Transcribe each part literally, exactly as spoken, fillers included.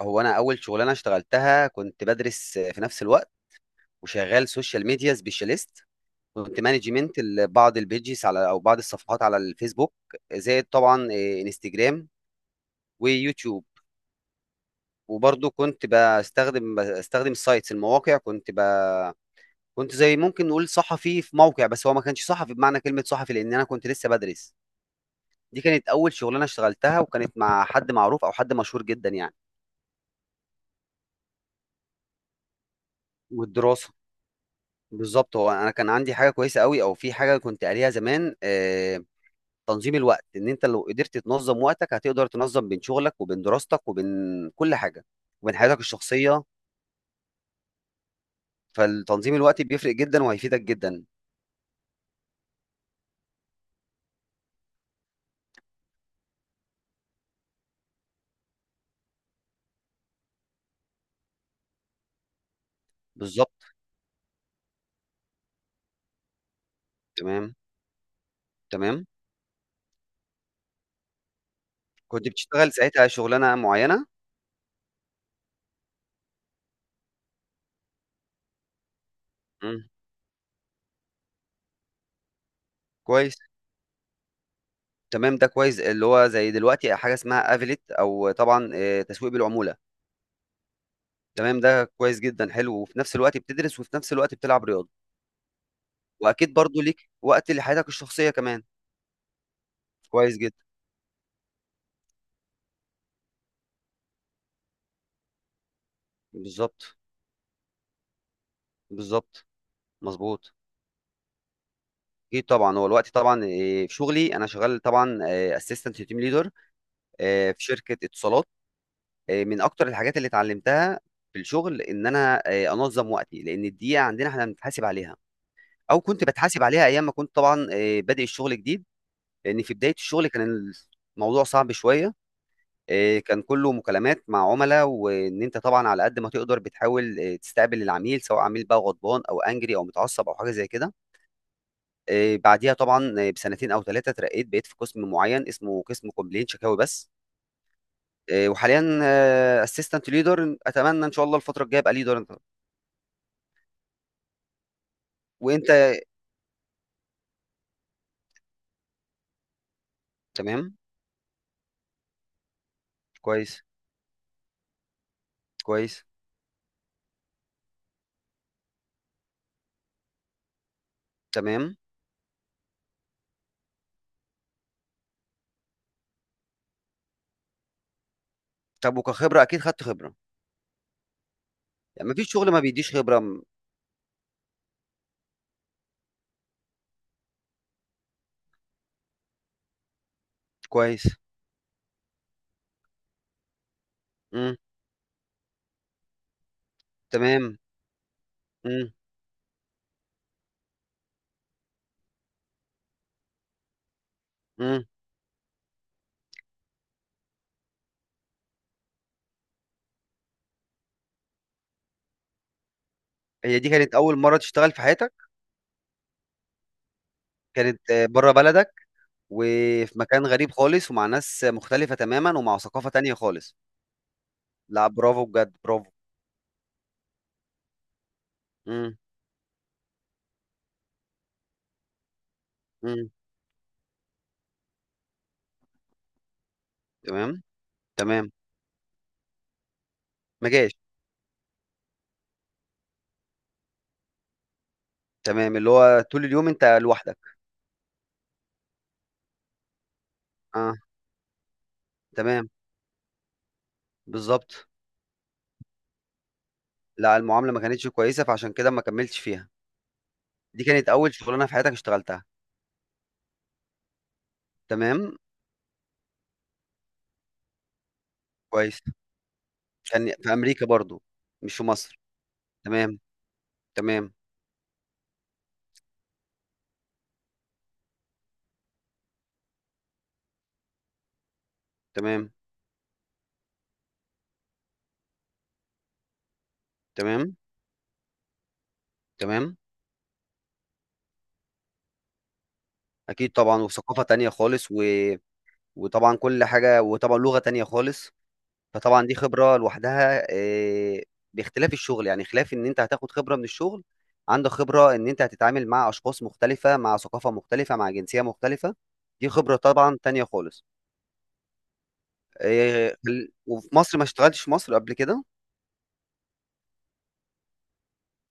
هو انا اول شغلانه اشتغلتها كنت بدرس في نفس الوقت، وشغال سوشيال ميديا سبيشاليست. كنت مانجمنت بعض البيجز على او بعض الصفحات على الفيسبوك، زائد طبعا إيه، انستجرام ويوتيوب. وبرضه كنت بستخدم بستخدم السايتس المواقع. كنت ب... كنت زي ممكن نقول صحفي في موقع، بس هو ما كانش صحفي بمعنى كلمه صحفي لان انا كنت لسه بدرس. دي كانت اول شغلانه اشتغلتها، وكانت مع حد معروف او حد مشهور جدا يعني. والدراسه. بالظبط، هو انا كان عندي حاجه كويسه قوي، او في حاجه كنت قاريها زمان. آه، تنظيم الوقت، ان انت لو قدرت تنظم وقتك هتقدر تنظم بين شغلك وبين دراستك وبين كل حاجه، وبين حياتك الشخصيه. فالتنظيم الوقت بيفرق جدا وهيفيدك جدا. بالظبط. تمام، تمام. كنت بتشتغل ساعتها شغلانه معينه. مم. كويس. تمام، ده كويس، اللي هو زي دلوقتي حاجه اسمها افيليت، او طبعا آه، تسويق بالعموله. تمام، ده كويس جدا، حلو. وفي نفس الوقت بتدرس، وفي نفس الوقت بتلعب رياضه. واكيد برضو ليك وقت لحياتك الشخصيه كمان. كويس جدا. بالظبط. بالظبط. مظبوط. اكيد طبعا. هو الوقت طبعا، إيه، في شغلي انا شغال طبعا اسيستنت تيم ليدر في شركه اتصالات. إيه، من اكتر الحاجات اللي اتعلمتها في الشغل ان انا إيه، انظم وقتي، لان الدقيقه عندنا احنا بنتحاسب عليها، او كنت بتحاسب عليها ايام ما كنت طبعا إيه، بادئ الشغل جديد. لان في بدايه الشغل كان الموضوع صعب شويه. آه، كان كله مكالمات مع عملاء، وان انت طبعا على قد ما تقدر بتحاول آه، تستقبل العميل، سواء عميل بقى غضبان او انجري او متعصب او حاجه زي كده. آه، بعديها طبعا آه، بسنتين او ثلاثه اترقيت، بقيت في قسم معين اسمه قسم كومبلين، شكاوي بس. آه، وحاليا اسيستنت ليدر. اتمنى ان شاء الله الفتره الجايه ابقى ليدر. وانت؟ تمام. كويس. كويس. تمام. طب وكخبره اكيد خدت خبره. يعني مفيش شغل ما بيديش خبره م- كويس. امم. تمام. امم، امم. هي دي كانت اول مره تشتغل في حياتك؟ كانت بره بلدك؟ وفي مكان غريب خالص، ومع ناس مختلفة تماما، ومع ثقافة تانية خالص. لا، برافو، بجد برافو. امم. امم. تمام. تمام، ما جاش. تمام، اللي هو طول اليوم انت لوحدك. اه. تمام. بالظبط. لا، المعاملة ما كانتش كويسة فعشان كده ما كملتش فيها. دي كانت أول شغلانة في حياتك اشتغلتها. تمام. كويس. كان في أمريكا برضو؟ مش في مصر؟ تمام. تمام. تمام. تمام. تمام. أكيد طبعا، وثقافة تانية خالص، و وطبعا كل حاجة، وطبعا لغة تانية خالص. فطبعا دي خبرة لوحدها، آه، باختلاف الشغل، يعني خلاف ان انت هتاخد خبرة من الشغل، عندك خبرة ان انت هتتعامل مع اشخاص مختلفة، مع ثقافة مختلفة، مع جنسية مختلفة. دي خبرة طبعا تانية خالص. آه، خل- وفي مصر ما اشتغلتش؟ في مصر قبل كده؟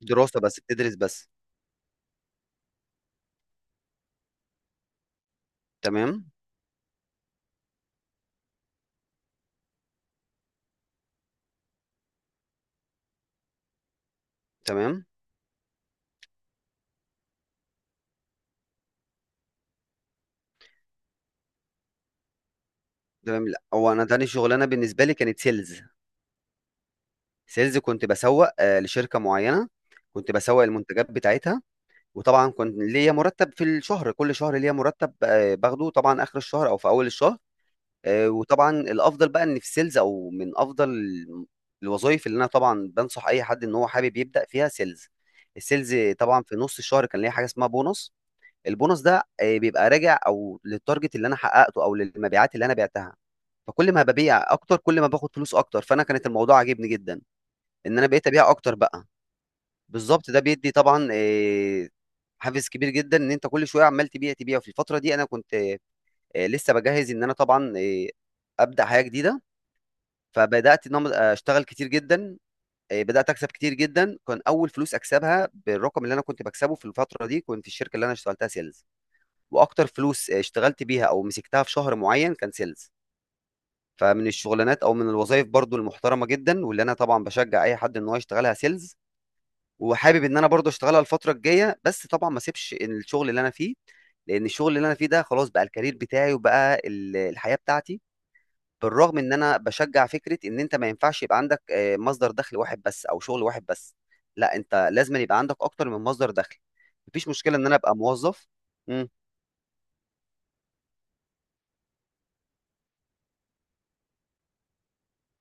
دراسة بس، بتدرس بس. تمام. تمام. تمام. لا، هو انا تاني شغلانة بالنسبة لي كانت سيلز. سيلز، كنت بسوق آه، لشركة معينة. كنت بسوق المنتجات بتاعتها. وطبعا كنت ليا مرتب في الشهر، كل شهر ليا مرتب آه، باخده طبعا اخر الشهر او في اول الشهر. آه، وطبعا الافضل بقى ان في سيلز، او من افضل الوظائف اللي انا طبعا بنصح اي حد ان هو حابب يبدا فيها سيلز. السيلز طبعا في نص الشهر كان ليا حاجه اسمها بونص. البونص ده آه، بيبقى راجع او للتارجت اللي انا حققته او للمبيعات اللي انا بعتها. فكل ما ببيع اكتر كل ما باخد فلوس اكتر، فانا كانت الموضوع عاجبني جدا ان انا بقيت ابيع اكتر بقى. بالظبط، ده بيدي طبعا آه، حافز كبير جدا ان انت كل شويه عمال تبيع تبيع. في الفتره دي انا كنت آه، لسه بجهز ان انا طبعا آه، ابدا حياه جديده. فبدات ان انا اشتغل كتير جدا. آه، بدات اكسب كتير جدا. كان اول فلوس اكسبها بالرقم اللي انا كنت بكسبه في الفتره دي، كنت في الشركه اللي انا اشتغلتها سيلز. واكتر فلوس آه، اشتغلت بيها او مسكتها في شهر معين كان سيلز. فمن الشغلانات او من الوظائف برضو المحترمه جدا، واللي انا طبعا بشجع اي حد ان هو يشتغلها سيلز. وحابب ان انا برضه اشتغلها الفتره الجايه، بس طبعا ما اسيبش الشغل اللي انا فيه، لان الشغل اللي انا فيه ده خلاص بقى الكارير بتاعي، وبقى ال- الحياه بتاعتي. بالرغم ان انا بشجع فكره ان انت ما ينفعش يبقى عندك آه، مصدر دخل واحد بس، او شغل واحد بس. لا، انت لازم يبقى عندك اكتر من مصدر دخل. مفيش مشكله ان انا ابقى موظف. مم.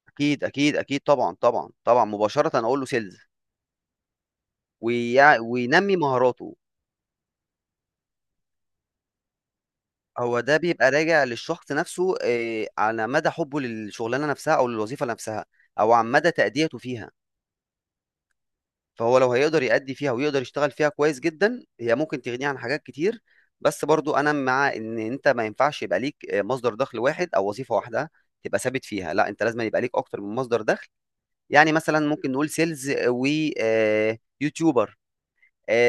اكيد، اكيد، اكيد، طبعا، طبعا، طبعا، مباشره اقول له سيلز. وينمي مهاراته. هو ده بيبقى راجع للشخص نفسه، آه، على مدى حبه للشغلانه نفسها او للوظيفه نفسها، او عن مدى تأديته فيها. فهو لو هيقدر يأدي فيها ويقدر يشتغل فيها كويس جدا، هي ممكن تغنيه عن حاجات كتير. بس برضو انا مع ان انت ما ينفعش يبقى ليك آه، مصدر دخل واحد او وظيفه واحده تبقى ثابت فيها. لا، انت لازم يبقى ليك اكتر من مصدر دخل. يعني مثلا ممكن نقول سيلز ويوتيوبر،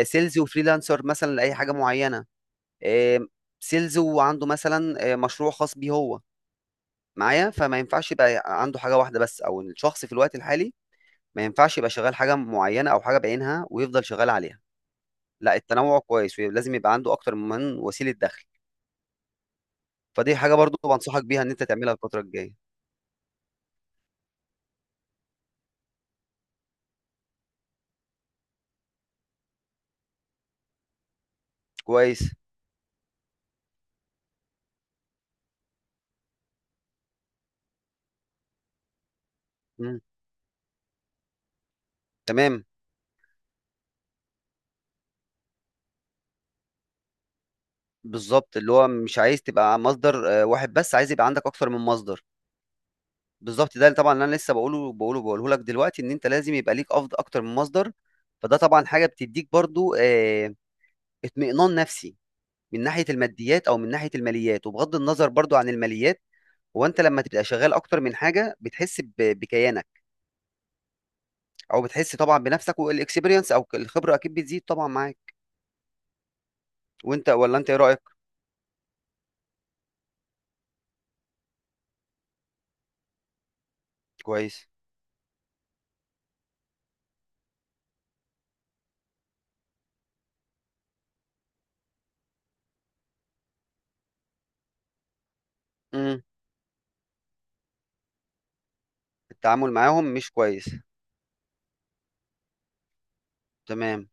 سيلز وفريلانسر مثلا لاي حاجه معينه، آه، سيلز وعنده مثلا آه، مشروع خاص بيه هو معايا. فما ينفعش يبقى عنده حاجة واحدة بس، أو إن الشخص في الوقت الحالي ما ينفعش يبقى شغال حاجة معينة أو حاجة بعينها ويفضل شغال عليها. لا، التنوع كويس، ولازم يبقى عنده أكتر من وسيلة دخل. فدي حاجة برضو بنصحك بيها إن أنت تعملها الفترة الجاية. كويس. مم. تمام. بالظبط، اللي هو مش عايز تبقى مصدر آه، واحد بس، عايز يبقى عندك أكتر من مصدر. بالظبط، ده اللي طبعا اللي أنا لسه بقوله بقوله بقوله لك دلوقتي، إن أنت لازم يبقى ليك أفضل أكتر من مصدر. فده طبعا حاجة بتديك برضو آه، اطمئنان نفسي من ناحيه الماديات او من ناحيه الماليات. وبغض النظر برضو عن الماليات، هو انت لما تبقى شغال اكتر من حاجه بتحس ب- بكيانك، او بتحس طبعا بنفسك. والاكسبيرينس او الخبره اكيد بتزيد طبعا معاك. وانت، ولا انت ايه رايك؟ كويس. امم. التعامل معاهم مش كويس. تمام.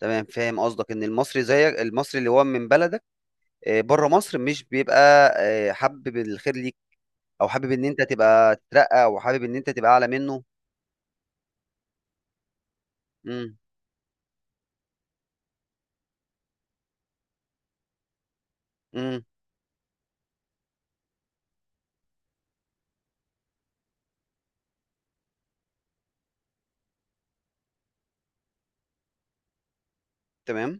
تمام، فاهم قصدك. ان المصري زيك، المصري اللي هو من بلدك، آه، بره مصر مش بيبقى آه، حابب الخير ليك، او حابب ان انت تبقى تترقى، او حابب ان انت تبقى اعلى منه. امم. امم. تمام.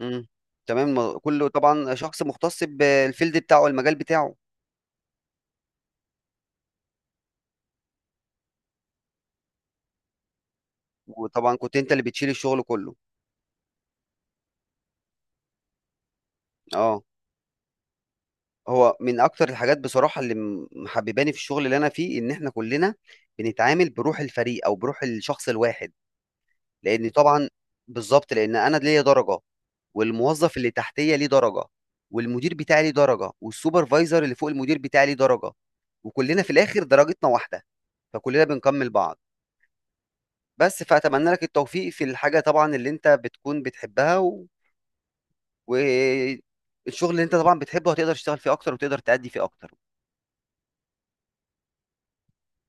امم. تمام، ما- كله طبعا شخص مختص بالفيلد بتاعه، المجال بتاعه. وطبعا كنت انت اللي بتشيل الشغل كله. اه. هو من اكتر الحاجات بصراحه اللي م- محبباني في الشغل اللي انا فيه، ان احنا كلنا بنتعامل بروح الفريق او بروح الشخص الواحد. لان طبعا بالظبط، لان انا ليا درجه، والموظف اللي تحتيه ليه درجه، والمدير بتاعي ليه درجه، والسوبرفايزر اللي فوق المدير بتاعي ليه درجه، وكلنا في الاخر درجتنا واحده، فكلنا بنكمل بعض. بس فأتمنى لك التوفيق في الحاجة طبعًا اللي أنت بتكون بتحبها، و والشغل اللي أنت طبعًا بتحبه هتقدر تشتغل فيه أكتر وتقدر تأدي فيه أكتر.